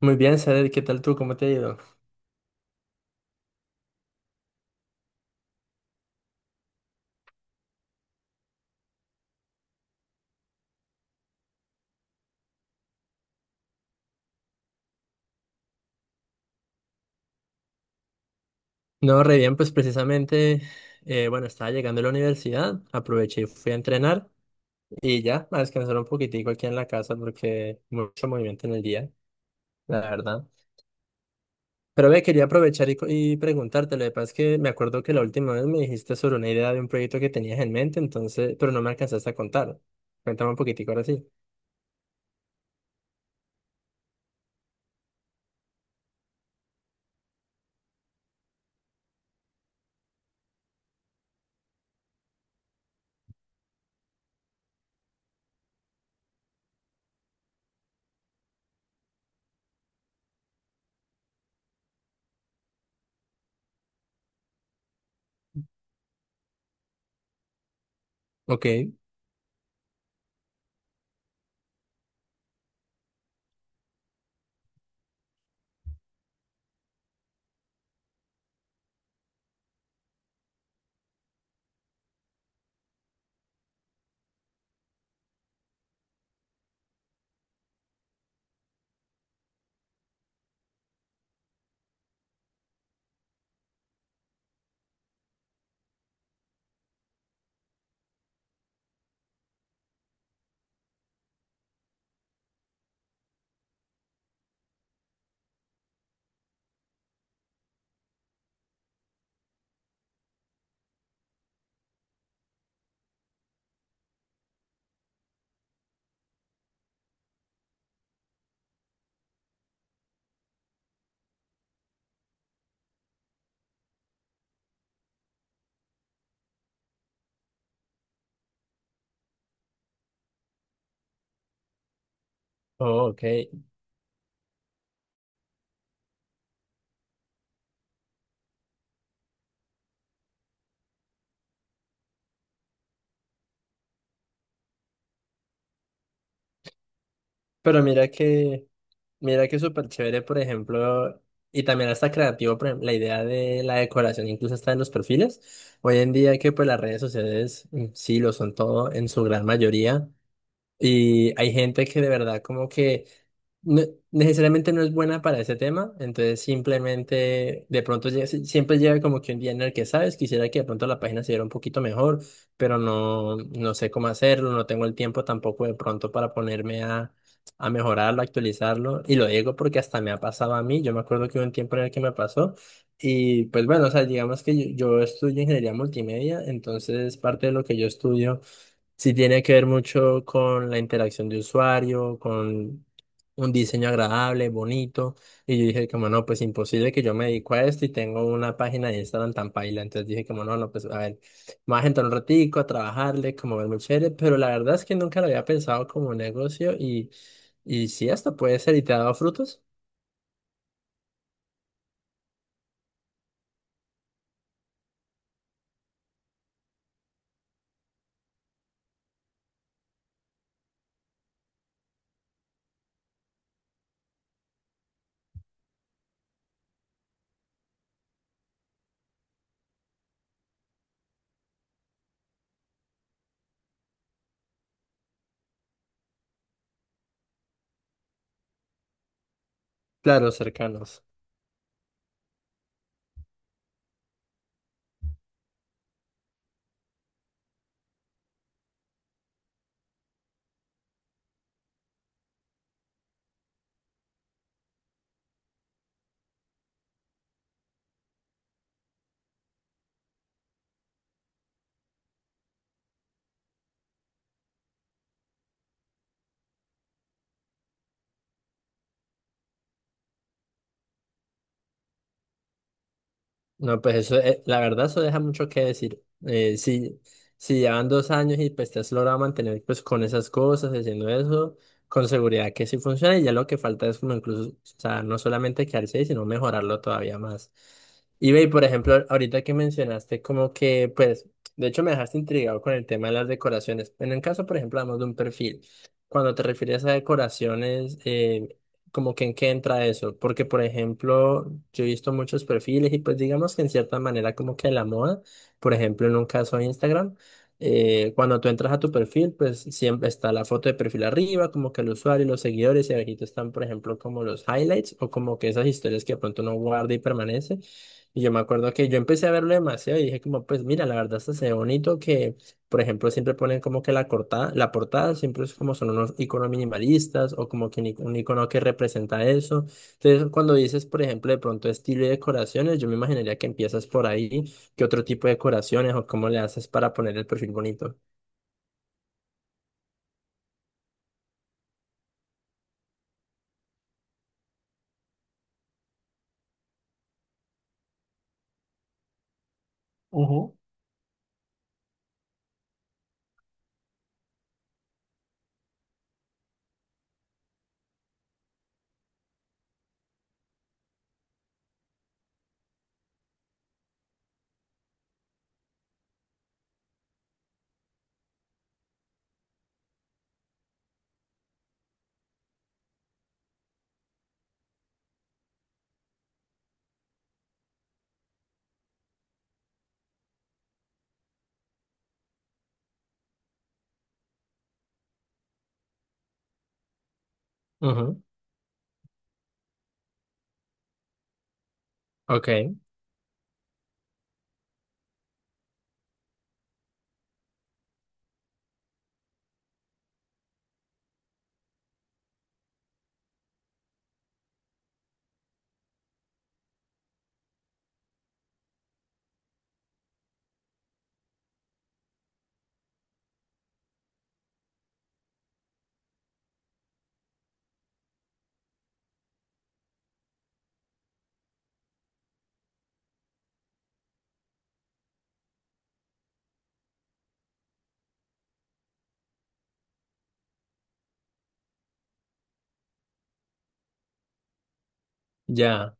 Muy bien, Sader, ¿qué tal tú? ¿Cómo te ha ido? No, re bien, pues precisamente, bueno, estaba llegando a la universidad, aproveché y fui a entrenar y ya, a descansar un poquitico aquí en la casa porque mucho movimiento en el día, la verdad. Pero ve, quería aprovechar y preguntarte, lo que pasa es que me acuerdo que la última vez me dijiste sobre una idea de un proyecto que tenías en mente, entonces, pero no me alcanzaste a contar. Cuéntame un poquitico ahora sí. Ok. Oh, ok. Pero mira que, mira que es súper chévere, por ejemplo, y también está creativo, por ejemplo, la idea de la decoración incluso está en los perfiles. Hoy en día que pues las redes sociales sí lo son todo en su gran mayoría, y hay gente que de verdad como que no- necesariamente no es buena para ese tema, entonces simplemente de pronto siempre llega como que un día en el que sabes, quisiera que de pronto la página se viera un poquito mejor, pero no, no sé cómo hacerlo, no tengo el tiempo tampoco de pronto para ponerme a mejorarlo, a actualizarlo, y lo digo porque hasta me ha pasado a mí. Yo me acuerdo que hubo un tiempo en el que me pasó, y pues bueno, o sea, digamos que yo estudio ingeniería multimedia, entonces parte de lo que yo estudio sí tiene que ver mucho con la interacción de usuario, con un diseño agradable, bonito. Y yo dije como no, pues imposible que yo me dedico a esto y tengo una página de Instagram tan paila. Entonces dije como no, no, pues a ver, me voy a entrar un ratico a trabajarle, como verme chévere. Pero la verdad es que nunca lo había pensado como negocio y sí, esto puede ser y te ha dado frutos, claro, cercanos. No, pues eso, la verdad, eso deja mucho que decir. Si, si llevan 2 años y pues te has logrado mantener pues con esas cosas, haciendo eso, con seguridad que sí funciona y ya lo que falta es como incluso, o sea, no solamente quedarse ahí, sino mejorarlo todavía más. Por ejemplo, ahorita que mencionaste como que, pues, de hecho me dejaste intrigado con el tema de las decoraciones. En el caso, por ejemplo, hablamos de un perfil. Cuando te refieres a decoraciones, como que en qué entra eso, porque por ejemplo, yo he visto muchos perfiles y pues digamos que en cierta manera como que la moda, por ejemplo, en un caso de Instagram, cuando tú entras a tu perfil, pues siempre está la foto de perfil arriba, como que el usuario y los seguidores y abajito están, por ejemplo, como los highlights o como que esas historias que de pronto uno guarda y permanece. Y yo me acuerdo que yo empecé a verlo demasiado y dije como, pues mira, la verdad esto se ve bonito que por ejemplo, siempre ponen como que la portada siempre es como son unos iconos minimalistas o como que un icono que representa eso. Entonces, cuando dices, por ejemplo, de pronto estilo y decoraciones, yo me imaginaría que empiezas por ahí. ¿Qué otro tipo de decoraciones o cómo le haces para poner el perfil bonito? Ujú. Ujú, ok, ya.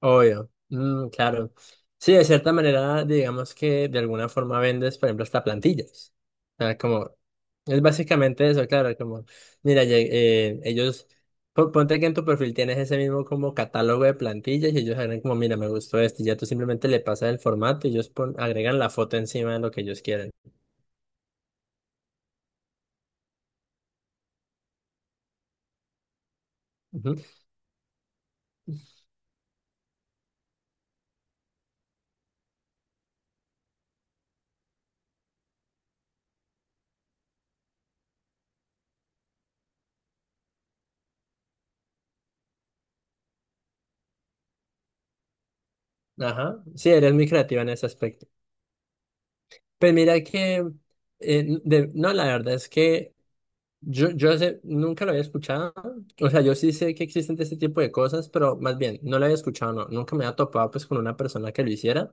Obvio, mm, claro. Sí, de cierta manera, digamos que de alguna forma vendes, por ejemplo, hasta plantillas. O sea, como, es básicamente eso, claro, como, mira, ellos, ponte que en tu perfil tienes ese mismo como catálogo de plantillas y ellos agregan como, mira, me gustó esto, y ya tú simplemente le pasas el formato y ellos agregan la foto encima de lo que ellos quieren. Ujú. Ajá, sí, eres muy creativa en ese aspecto. Pues mira que, no, la verdad es que... nunca lo había escuchado. O sea, yo sí sé que existen este tipo de cosas, pero más bien, no lo había escuchado, no. Nunca me había topado pues con una persona que lo hiciera.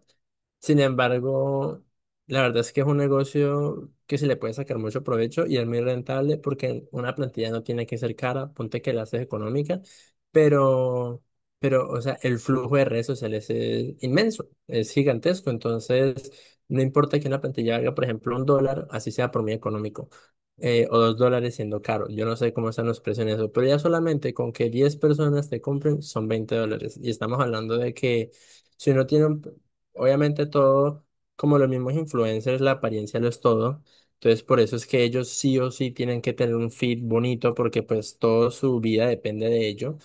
Sin embargo, la verdad es que es un negocio que se le puede sacar mucho provecho y es muy rentable porque una plantilla no tiene que ser cara, ponte que la haces económica, pero, pero, o sea, el flujo de redes sociales es inmenso, es gigantesco, entonces no importa que una plantilla haga, por ejemplo, $1, así sea por muy económico o $2 siendo caro. Yo no sé cómo están los precios en eso, pero ya solamente con que 10 personas te compren son $20. Y estamos hablando de que si uno tiene, obviamente todo, como los mismos influencers, la apariencia lo es todo. Entonces, por eso es que ellos sí o sí tienen que tener un feed bonito porque pues toda su vida depende de ello.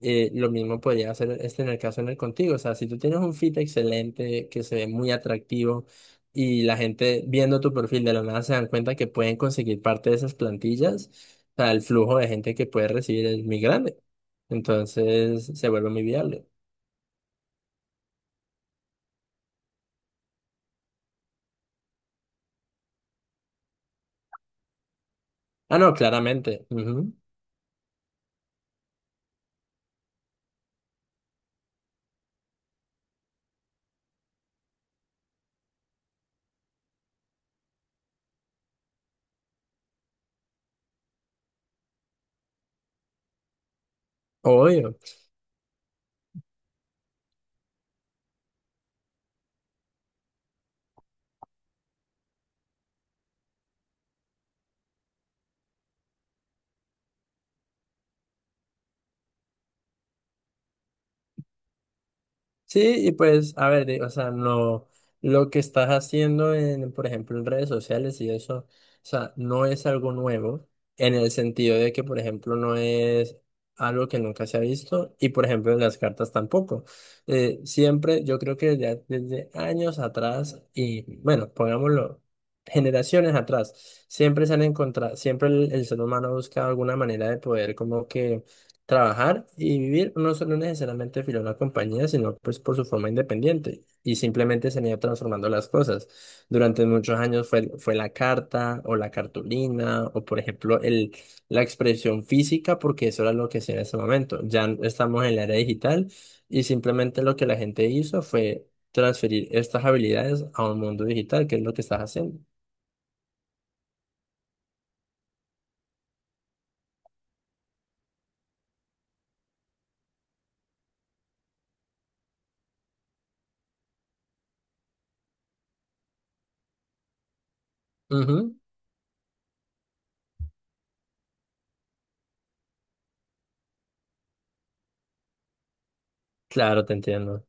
Lo mismo podría hacer este en el caso en el contigo. O sea, si tú tienes un feed excelente, que se ve muy atractivo, y la gente viendo tu perfil de la nada se dan cuenta que pueden conseguir parte de esas plantillas, o sea, el flujo de gente que puede recibir es muy grande. Entonces se vuelve muy viable. Ah, no, claramente. Ujú. Obvio. Sí, y pues, a ver, o sea, no, lo que estás haciendo en, por ejemplo, en redes sociales y eso, o sea, no es algo nuevo, en el sentido de que, por ejemplo, no es algo que nunca se ha visto, y por ejemplo, en las cartas tampoco. Siempre, yo creo que ya desde años atrás, y bueno, pongámoslo, generaciones atrás, siempre se han encontrado, siempre el ser humano busca alguna manera de poder como que trabajar y vivir no solo necesariamente filial a una compañía, sino pues por su forma independiente y simplemente se han ido transformando las cosas. Durante muchos años fue la carta o la cartulina o por ejemplo la expresión física porque eso era lo que hacía en ese momento. Ya estamos en la era digital y simplemente lo que la gente hizo fue transferir estas habilidades a un mundo digital, que es lo que estás haciendo. Ujú, claro, te entiendo.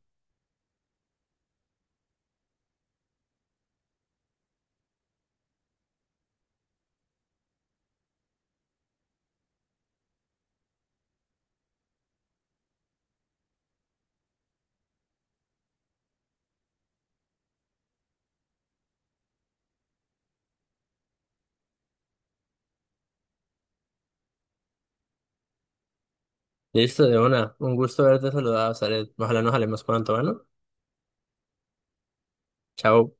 Listo, de una. Un gusto haberte saludado, Zaret. Ojalá nos hablemos pronto, ¿no? Chao.